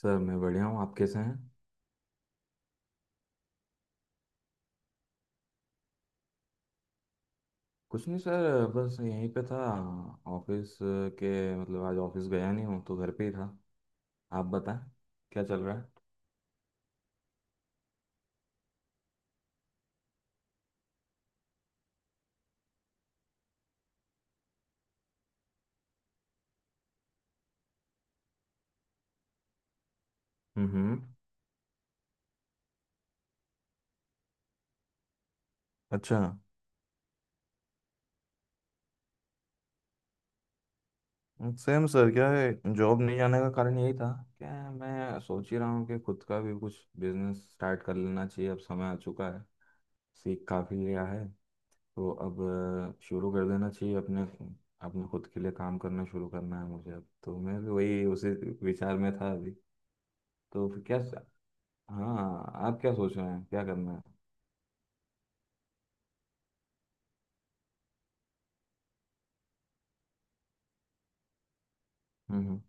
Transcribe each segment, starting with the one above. Sir मैं बढ़िया हूँ। आप कैसे हैं? कुछ नहीं सर, बस यहीं पे था, ऑफिस के, मतलब आज ऑफिस गया नहीं हूँ तो घर पे ही था। आप बताएं, क्या चल रहा है? हम्म। अच्छा। सेम सर, क्या है जॉब नहीं जाने का कारण यही था, क्या है, मैं सोच ही रहा हूँ कि खुद का भी कुछ बिजनेस स्टार्ट कर लेना चाहिए। अब समय आ चुका है, सीख काफ़ी लिया है, तो अब शुरू कर देना चाहिए अपने अपने खुद के लिए काम करना शुरू करना है मुझे। अब तो मैं भी वही उसी विचार में था अभी। तो फिर क्या, हाँ, आप क्या सोच रहे हैं, क्या करना है? हम्म। हम्म।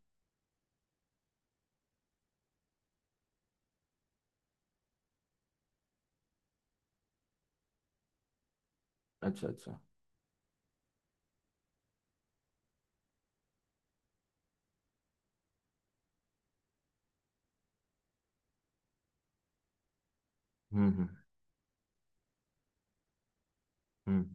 अच्छा। अच्छा। हम्म। हम्म। हम्म।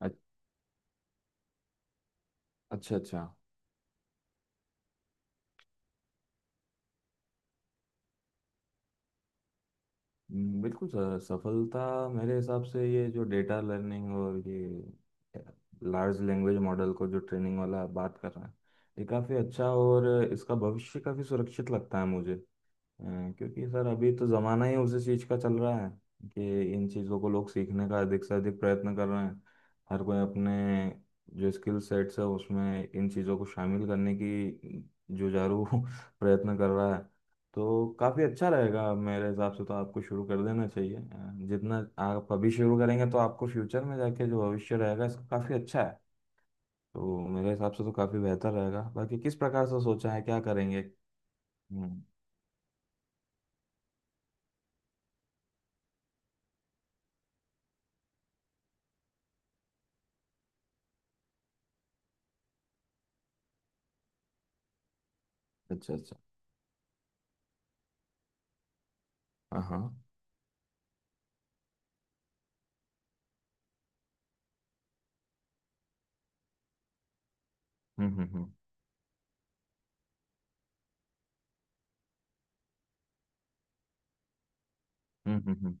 अच- अच्छा। अच्छा। बिल्कुल सर। सफलता मेरे हिसाब से ये जो डेटा लर्निंग और ये लार्ज लैंग्वेज मॉडल को जो ट्रेनिंग वाला आप बात कर रहे हैं, ये काफ़ी अच्छा और इसका भविष्य काफ़ी सुरक्षित लगता है मुझे। अ, क्योंकि सर अभी तो ज़माना ही उसी चीज़ का चल रहा है कि इन चीज़ों को लोग सीखने का अधिक से अधिक प्रयत्न कर रहे हैं। हर कोई अपने जो स्किल सेट्स है उसमें इन चीज़ों को शामिल करने की जुझारू प्रयत्न कर रहा है। तो काफ़ी अच्छा रहेगा मेरे हिसाब से, तो आपको शुरू कर देना चाहिए। जितना आप अभी शुरू करेंगे तो आपको फ्यूचर में जाके जो भविष्य रहेगा इसका काफ़ी अच्छा है। तो मेरे हिसाब से तो काफ़ी बेहतर रहेगा। बाकी किस प्रकार से सोचा है, क्या करेंगे? हम्म। अच्छा। अच्छा। हाँ, हाँ। हम्म। हम्म। हम्म। हम्म। हम्म।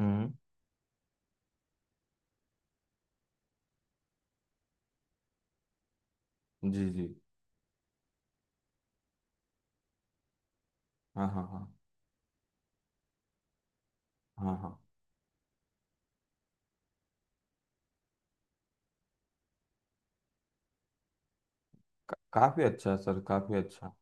हम्म। जी, जी। हाँ, हाँ, हाँ। हाँ, हाँ। काफी अच्छा है सर, काफी अच्छा।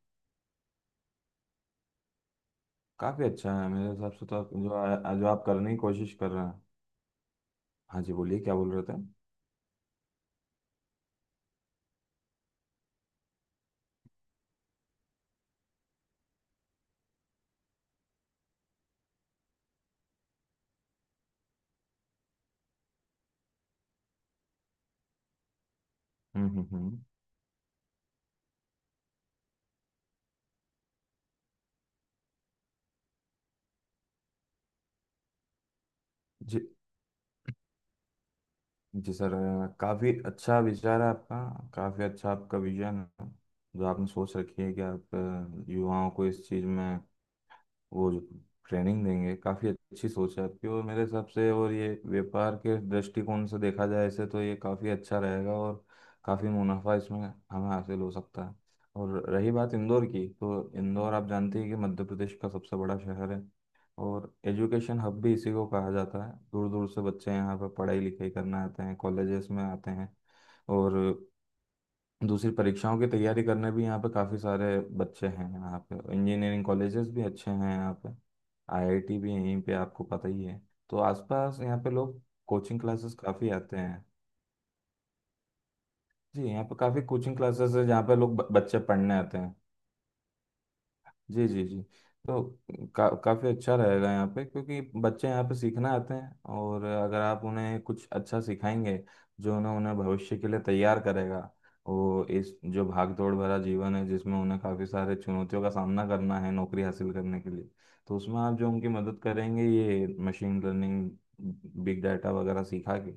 काफी अच्छा है मेरे हिसाब से, तो आप जो जो आप करने की कोशिश कर रहे हैं। हाँ जी, बोलिए, क्या बोल रहे थे? हम्म। हम्म। जी जी सर। काफी अच्छा विचार है आपका। काफी अच्छा आपका विजन है जो आपने सोच रखी है कि आप युवाओं को इस चीज में वो जो ट्रेनिंग देंगे। काफ़ी अच्छी सोच है आपकी और मेरे हिसाब से, और ये व्यापार के दृष्टिकोण से देखा जाए इसे, तो ये काफ़ी अच्छा रहेगा और काफ़ी मुनाफा इसमें हमें हासिल हो सकता है। और रही बात इंदौर की, तो इंदौर आप जानते हैं कि मध्य प्रदेश का सबसे बड़ा शहर है। और एजुकेशन हब भी इसी को कहा जाता है। दूर दूर से बच्चे यहाँ पर पढ़ाई लिखाई करने आते हैं, कॉलेजेस में आते हैं। और दूसरी परीक्षाओं की तैयारी करने भी यहाँ पे काफ़ी सारे बच्चे हैं। यहाँ पे इंजीनियरिंग कॉलेजेस भी अच्छे हैं। यहाँ पे आईआईटी भी यहीं पे, आपको पता ही है। तो आसपास यहाँ पे लोग कोचिंग क्लासेस काफ़ी आते हैं। जी, यहाँ पे काफ़ी कोचिंग क्लासेस है जहाँ पे लोग बच्चे पढ़ने आते हैं। जी, जी, जी। तो काफ़ी अच्छा रहेगा यहाँ पे क्योंकि बच्चे यहाँ पे सीखना आते हैं, और अगर आप उन्हें कुछ अच्छा सिखाएंगे जो उन्हें उन्हें भविष्य के लिए तैयार करेगा, वो इस जो भाग दौड़ भरा जीवन है जिसमें उन्हें काफ़ी सारे चुनौतियों का सामना करना है नौकरी हासिल करने के लिए, तो उसमें आप जो उनकी मदद करेंगे ये मशीन लर्निंग, बिग डाटा वगैरह सीखा के,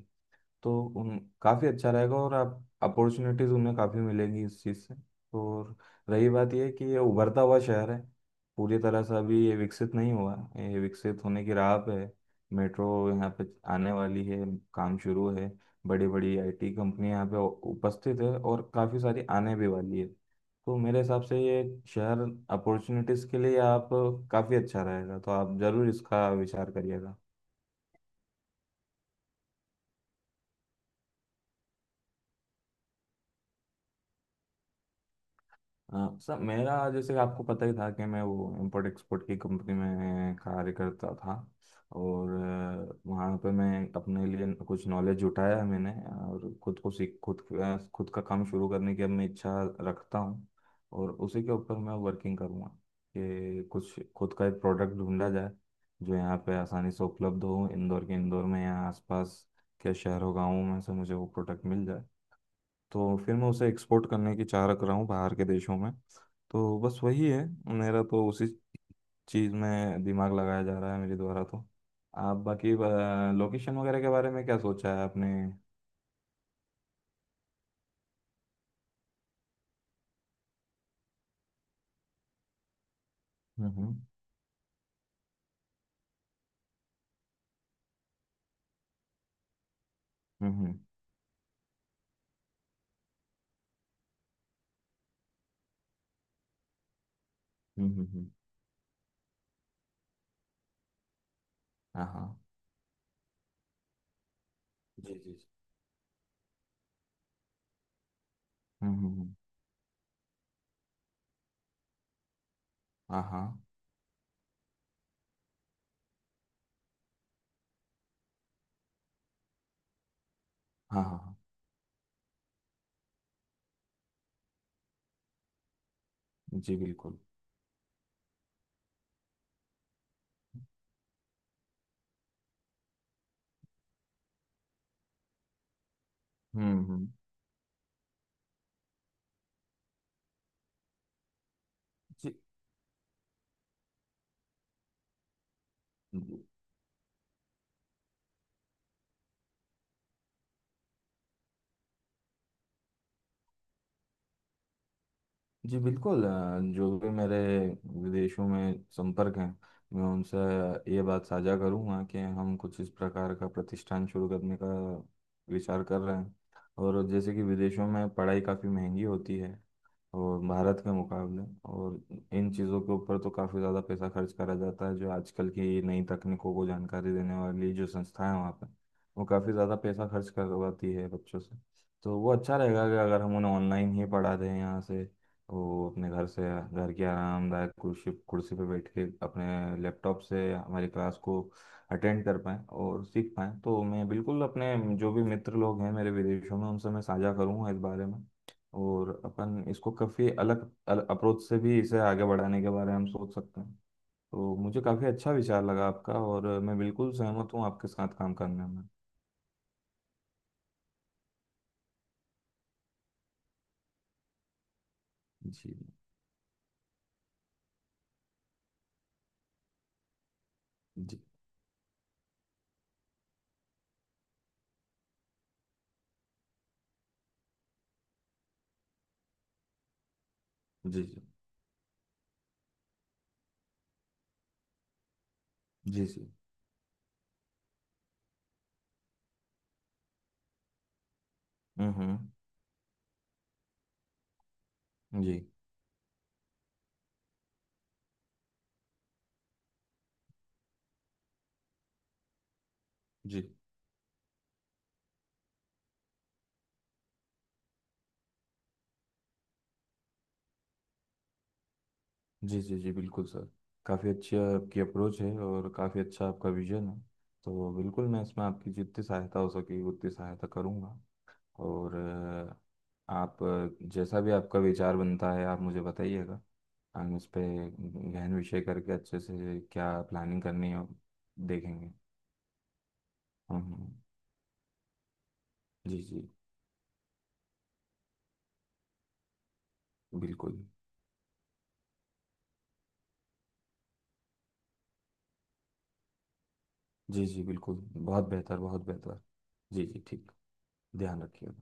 तो उन काफ़ी अच्छा रहेगा और आप अपॉर्चुनिटीज़ उन्हें काफ़ी मिलेंगी इस चीज़ से। और रही बात यह कि ये उभरता हुआ शहर है, पूरी तरह से अभी ये विकसित नहीं हुआ है, ये विकसित होने की राह पे है। मेट्रो यहाँ पे आने वाली है, काम शुरू है। बड़ी बड़ी आईटी कंपनियां यहाँ पे उपस्थित है और काफ़ी सारी आने भी वाली है। तो मेरे हिसाब से ये शहर अपॉर्चुनिटीज़ के लिए आप काफ़ी अच्छा रहेगा, तो आप ज़रूर इसका विचार करिएगा। हाँ सर, मेरा जैसे आपको पता ही था कि मैं वो इम्पोर्ट एक्सपोर्ट की कंपनी में कार्य करता था, और वहाँ पे मैं अपने लिए कुछ नॉलेज जुटाया मैंने, और खुद को सीख खुद अ, खुद का काम शुरू करने की अब मैं इच्छा रखता हूँ। और उसी के ऊपर मैं वर्किंग करूँगा कि कुछ खुद का एक प्रोडक्ट ढूंढा जाए जो यहाँ पे आसानी से उपलब्ध हो, इंदौर में या आसपास के शहरों गाँवों में से मुझे वो प्रोडक्ट मिल जाए, तो फिर मैं उसे एक्सपोर्ट करने की चाह रख रहा हूँ बाहर के देशों में। तो बस वही है, मेरा तो उसी चीज़ में दिमाग लगाया जा रहा है मेरे द्वारा तो। आप बाकी लोकेशन वगैरह के बारे में क्या सोचा है आपने? हम्म। हम्म। हम्म। हम्म। हम्म। हम्म। हाँ, हाँ। जी, जी, जी। हम्म। हम्म। हम्म। हाँ, हाँ, हाँ। हाँ, हाँ। जी, बिल्कुल। हम्म। हम्म। जी, जी, बिल्कुल। जो भी मेरे विदेशों में संपर्क हैं, मैं उनसे ये बात साझा करूंगा कि हम कुछ इस प्रकार का प्रतिष्ठान शुरू करने का विचार कर रहे हैं। और जैसे कि विदेशों में पढ़ाई काफ़ी महंगी होती है, और भारत के मुकाबले, और इन चीज़ों के ऊपर तो काफ़ी ज़्यादा पैसा खर्च करा जाता है, जो आजकल की नई तकनीकों को जानकारी देने वाली जो संस्थाएं हैं वहाँ पर, वो काफ़ी ज़्यादा पैसा खर्च करवाती है बच्चों से। तो वो अच्छा रहेगा कि अगर हम उन्हें ऑनलाइन ही पढ़ा दें यहाँ से, वो अपने घर से, घर की आरामदायक कुर्सी कुर्सी पे बैठ के अपने लैपटॉप से हमारी क्लास को अटेंड कर पाएँ और सीख पाएँ, तो मैं बिल्कुल अपने जो भी मित्र लोग हैं मेरे विदेशों में उनसे मैं साझा करूँगा इस बारे में। और अपन इसको काफ़ी अलग अप्रोच से भी इसे आगे बढ़ाने के बारे में हम सोच सकते हैं। तो मुझे काफ़ी अच्छा विचार लगा आपका, और मैं बिल्कुल सहमत हूँ आपके साथ काम करने में। जी, जी, जी। जी, जी, जी। हम्म, जी जी जी। जी जी बिल्कुल सर, काफ़ी अच्छी आपकी अप्रोच है और काफ़ी अच्छा आपका विजन है। तो बिल्कुल मैं इसमें आपकी जितनी सहायता हो सके उतनी सहायता करूँगा। और आप जैसा भी आपका विचार बनता है आप मुझे बताइएगा। हम इस पे गहन विषय करके अच्छे से क्या प्लानिंग करनी है देखेंगे। हम्म, जी जी बिल्कुल। जी जी बिल्कुल, बहुत बेहतर, बहुत बेहतर। जी, जी, ठीक। ध्यान रखिए।